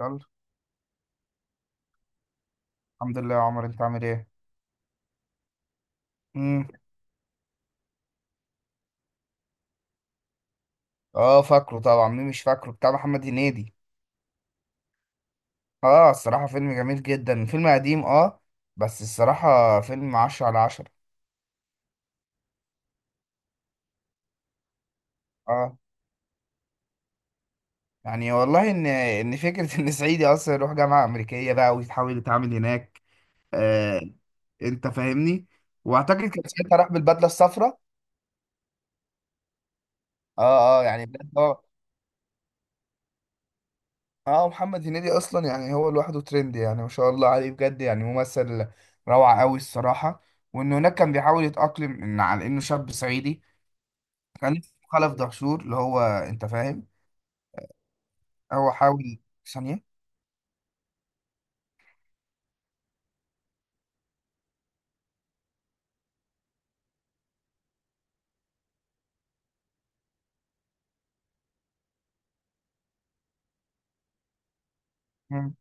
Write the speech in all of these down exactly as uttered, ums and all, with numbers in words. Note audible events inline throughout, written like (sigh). يلا. الحمد لله يا عمر، انت عامل ايه؟ امم اه، فاكره طبعا، مين مش فاكره؟ بتاع محمد هنيدي. اه، الصراحه فيلم جميل جدا، فيلم قديم. اه، بس الصراحه فيلم عشرة على عشرة. اه يعني والله ان ان فكره (laughs) ان صعيدي اصلا يروح جامعه امريكيه بقى ويتحاول يتعامل هناك. آه انت فاهمني. واعتقد كان ساعتها راح بالبدله الصفراء. اه اه، يعني بجد هو اه محمد هنيدي اصلا، يعني هو لوحده ترند، يعني ما شاء الله عليه بجد، يعني ممثل روعة قوي الصراحة. وان هناك كان بيحاول يتأقلم ان على انه شاب صعيدي. كان اسمه خلف دهشور، اللي هو انت فاهم. هو حاول. ثانية. مم.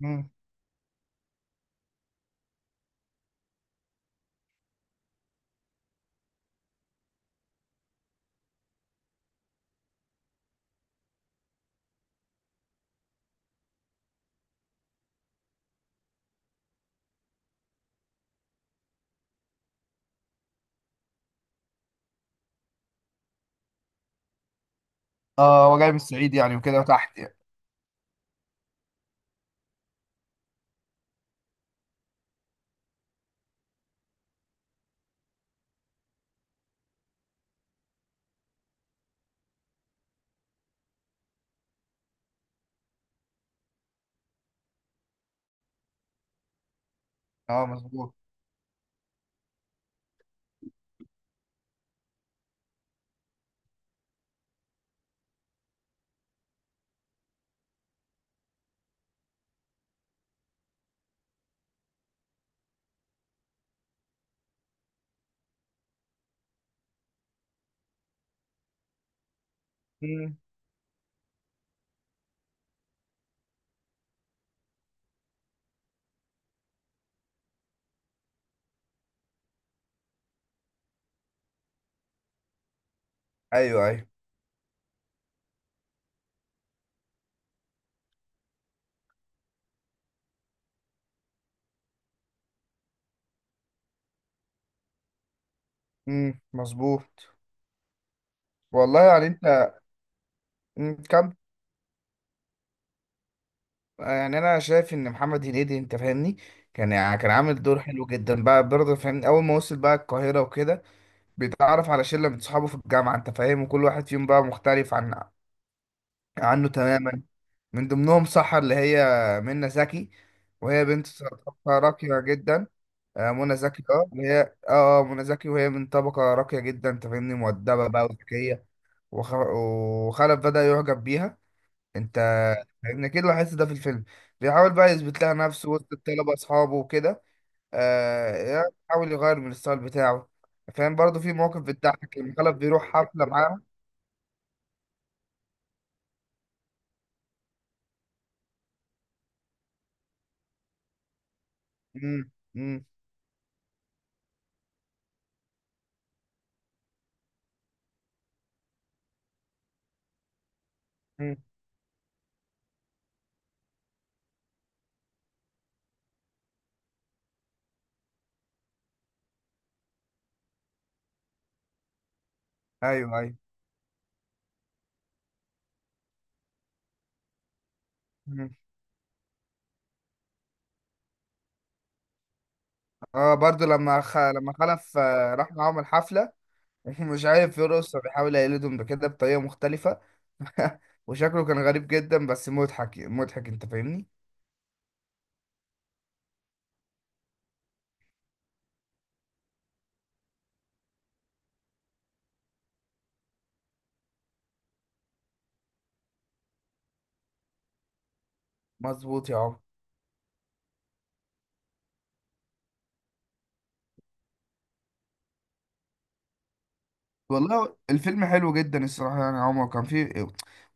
مم. اه، هو جاي من الصعيد يعني وكده تحت يعني. اه، مظبوط. مم. ايوه ايوه. مم. مظبوط. والله يعني انت. مم. كم. يعني انا شايف ان محمد هنيدي، انت فاهمني، كان يعني كان عامل دور حلو جدا بقى، برضه فاهمني، اول ما وصل بقى القاهرة وكده بيتعرف على شلة من صحابه في الجامعة، انت فاهم، وكل واحد فيهم بقى مختلف عن عنه تماما. من ضمنهم سحر اللي هي منى زكي، وهي بنت س- طبقة راقية جدا. آه، منى زكي، اه اللي هي اه آه، منى زكي، وهي من طبقة راقية جدا، انت فاهمني، مؤدبة بقى وذكية. وخ... وخلف بدأ يعجب بيها. انت فاهمني، اكيد لاحظت ده في الفيلم. بيحاول بقى يثبت لها نفسه وسط الطلبة اصحابه وكده. آه يعني يحاول يغير من الستايل بتاعه. فاهم؟ برضه في مواقف بتضحك لما خلف بيروح حفلة معاهم. امم امم مم. ايوه ايوه. مم. اه، برضه لما خ... لما خلف آه، راح معاهم الحفلة (laughs) ومش عارف يرقص، فبيحاول يقلدهم بكده بطريقة مختلفة (laughs) وشكله كان غريب جدا، بس مضحك مضحك، انت فاهمني. مظبوط يا عمر. والله الفيلم حلو جدا الصراحة، يعني يا عمر كان فيه.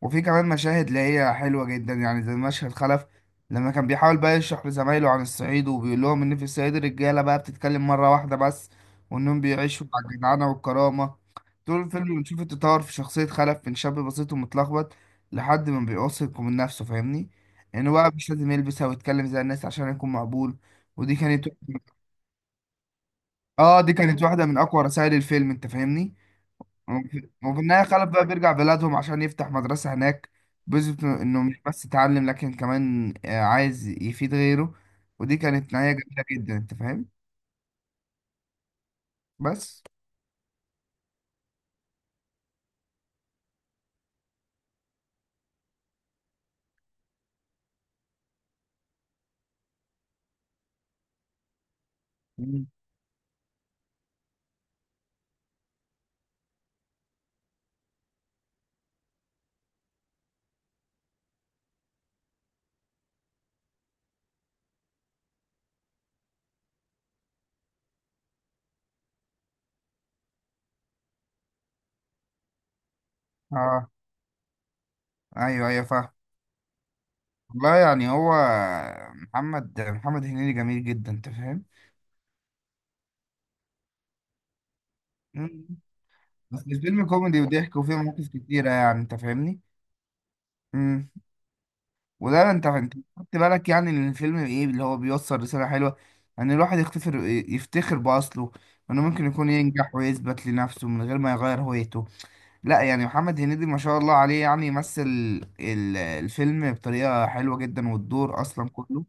وفي كمان مشاهد اللي هي حلوة جدا، يعني زي مشهد خلف لما كان بيحاول بقى يشرح لزمايله عن الصعيد، وبيقول لهم إن في الصعيد الرجالة بقى بتتكلم مرة واحدة بس، وإنهم بيعيشوا على الجدعنة والكرامة. طول الفيلم بنشوف التطور في شخصية خلف، من شاب بسيط ومتلخبط لحد ما بيواثق من نفسه. فاهمني؟ إنه بقى مش لازم يلبس أو يتكلم زي الناس عشان يكون مقبول. ودي كانت، آه دي كانت واحدة من أقوى رسائل الفيلم. أنت فاهمني؟ وفي وفي النهاية خلف بقى بيرجع بلادهم عشان يفتح مدرسة هناك. بيثبت إنه مش بس اتعلم، لكن كمان آه، عايز يفيد غيره. ودي كانت نهاية جميلة جدا. أنت فاهم؟ بس. مم. اه، أيوه أيوه فاهم. والله يعني هو، آه، محمد محمد هنيدي جميل جدا. أنت فاهم؟ مم. بس الفيلم كوميدي وضحك، وفيه مواقف كتيرة يعني. أنت فاهمني؟ مم. ولا انت انت خدت بالك يعني ان الفيلم، ايه اللي هو بيوصل رسالة حلوة؟ ان الواحد يفتخر يفتخر بأصله، وانه ممكن يكون ينجح ويثبت لنفسه من غير ما يغير هويته. لا يعني محمد هنيدي، ما شاء الله عليه، يعني يمثل ال- الفيلم بطريقة حلوة جدا، والدور اصلا كله.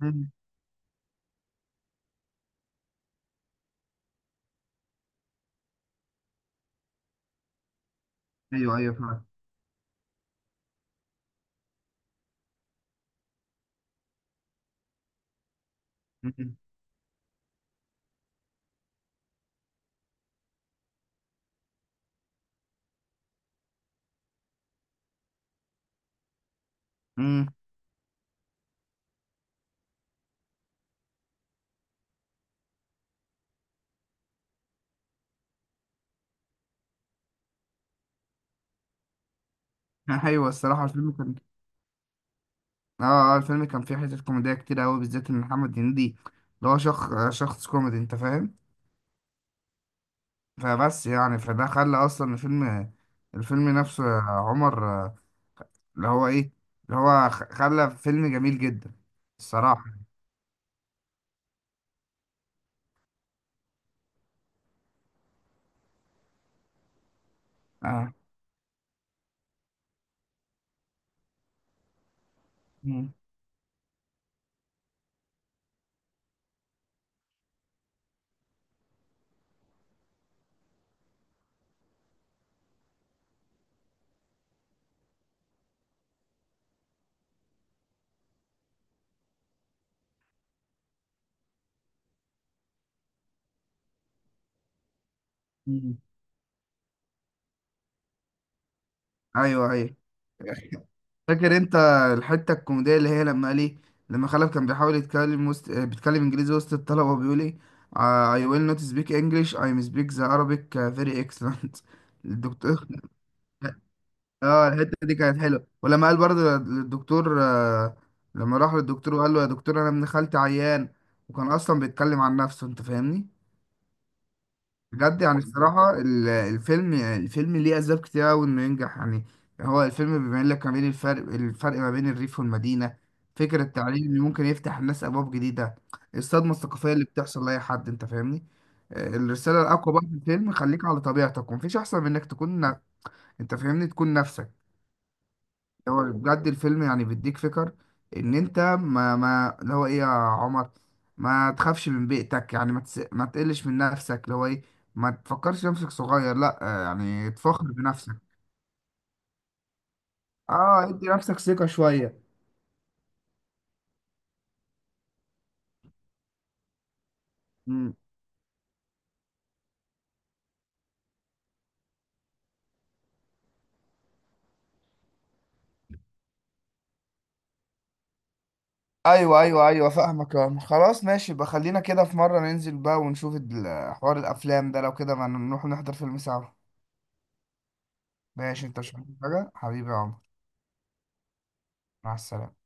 مم. ايوه ايوه فعلا. مم. مم. (laughs) ايوه الصراحة الفيلم كان. اه اه، الفيلم كان فيه حتت كوميدية كتير قوي، بالذات ان محمد هنيدي اللي هو شخص شخص كوميدي، انت فاهم. فبس يعني فده خلى اصلا الفيلم، الفيلم نفسه يا عمر، آه، اللي هو ايه، اللي هو خ- خلى فيلم جميل جدا الصراحة. آه. مم. مم. ايوه ايوه. فاكر انت الحتة الكوميدية اللي هي لما قال ايه، لما خلف كان بيحاول يتكلم وسط، آه، بيتكلم انجليزي وسط الطلبة، وبيقول ايه، آه، I will not speak English I speak the Arabic very excellent (laughs) الدكتور. اه، الحته دي كانت حلوه. ولما قال برضه للدكتور، آه، لما راح للدكتور وقال له يا دكتور انا ابن خالتي عيان، وكان اصلا بيتكلم عن نفسه، انت فاهمني. بجد يعني الصراحه ال- الفيلم، الفيلم ليه اسباب كتير قوي انه ينجح يعني. هو الفيلم بيبين لك ما بين الفرق الفرق ما بين الريف والمدينه. فكره التعليم اللي ممكن يفتح الناس ابواب جديده. الصدمه الثقافيه اللي بتحصل لاي حد، انت فاهمني. آه، الرساله الاقوى بقى في الفيلم، خليك على طبيعتك ومفيش احسن من انك تكون ن- انت فاهمني، تكون نفسك. هو بجد الفيلم يعني بيديك فكر ان انت، ما ما اللي هو ايه يا عمر، ما تخافش من بيئتك يعني، ما تس... ما تقلش من نفسك، اللي هو ايه، ما تفكرش نفسك صغير، لا، آه، يعني تفخر بنفسك. اه، ادي نفسك ثقة شوية. مم. ايوه ايوه ايوه فاهمك يا عمر. خلاص ماشي، يبقى خلينا كده في مرة ننزل بقى ونشوف ال- حوار الافلام ده، لو كده ما نروح نحضر فيلم سوا. ماشي، انت مش عايز حاجة حبيبي يا عمر؟ مع السلامة.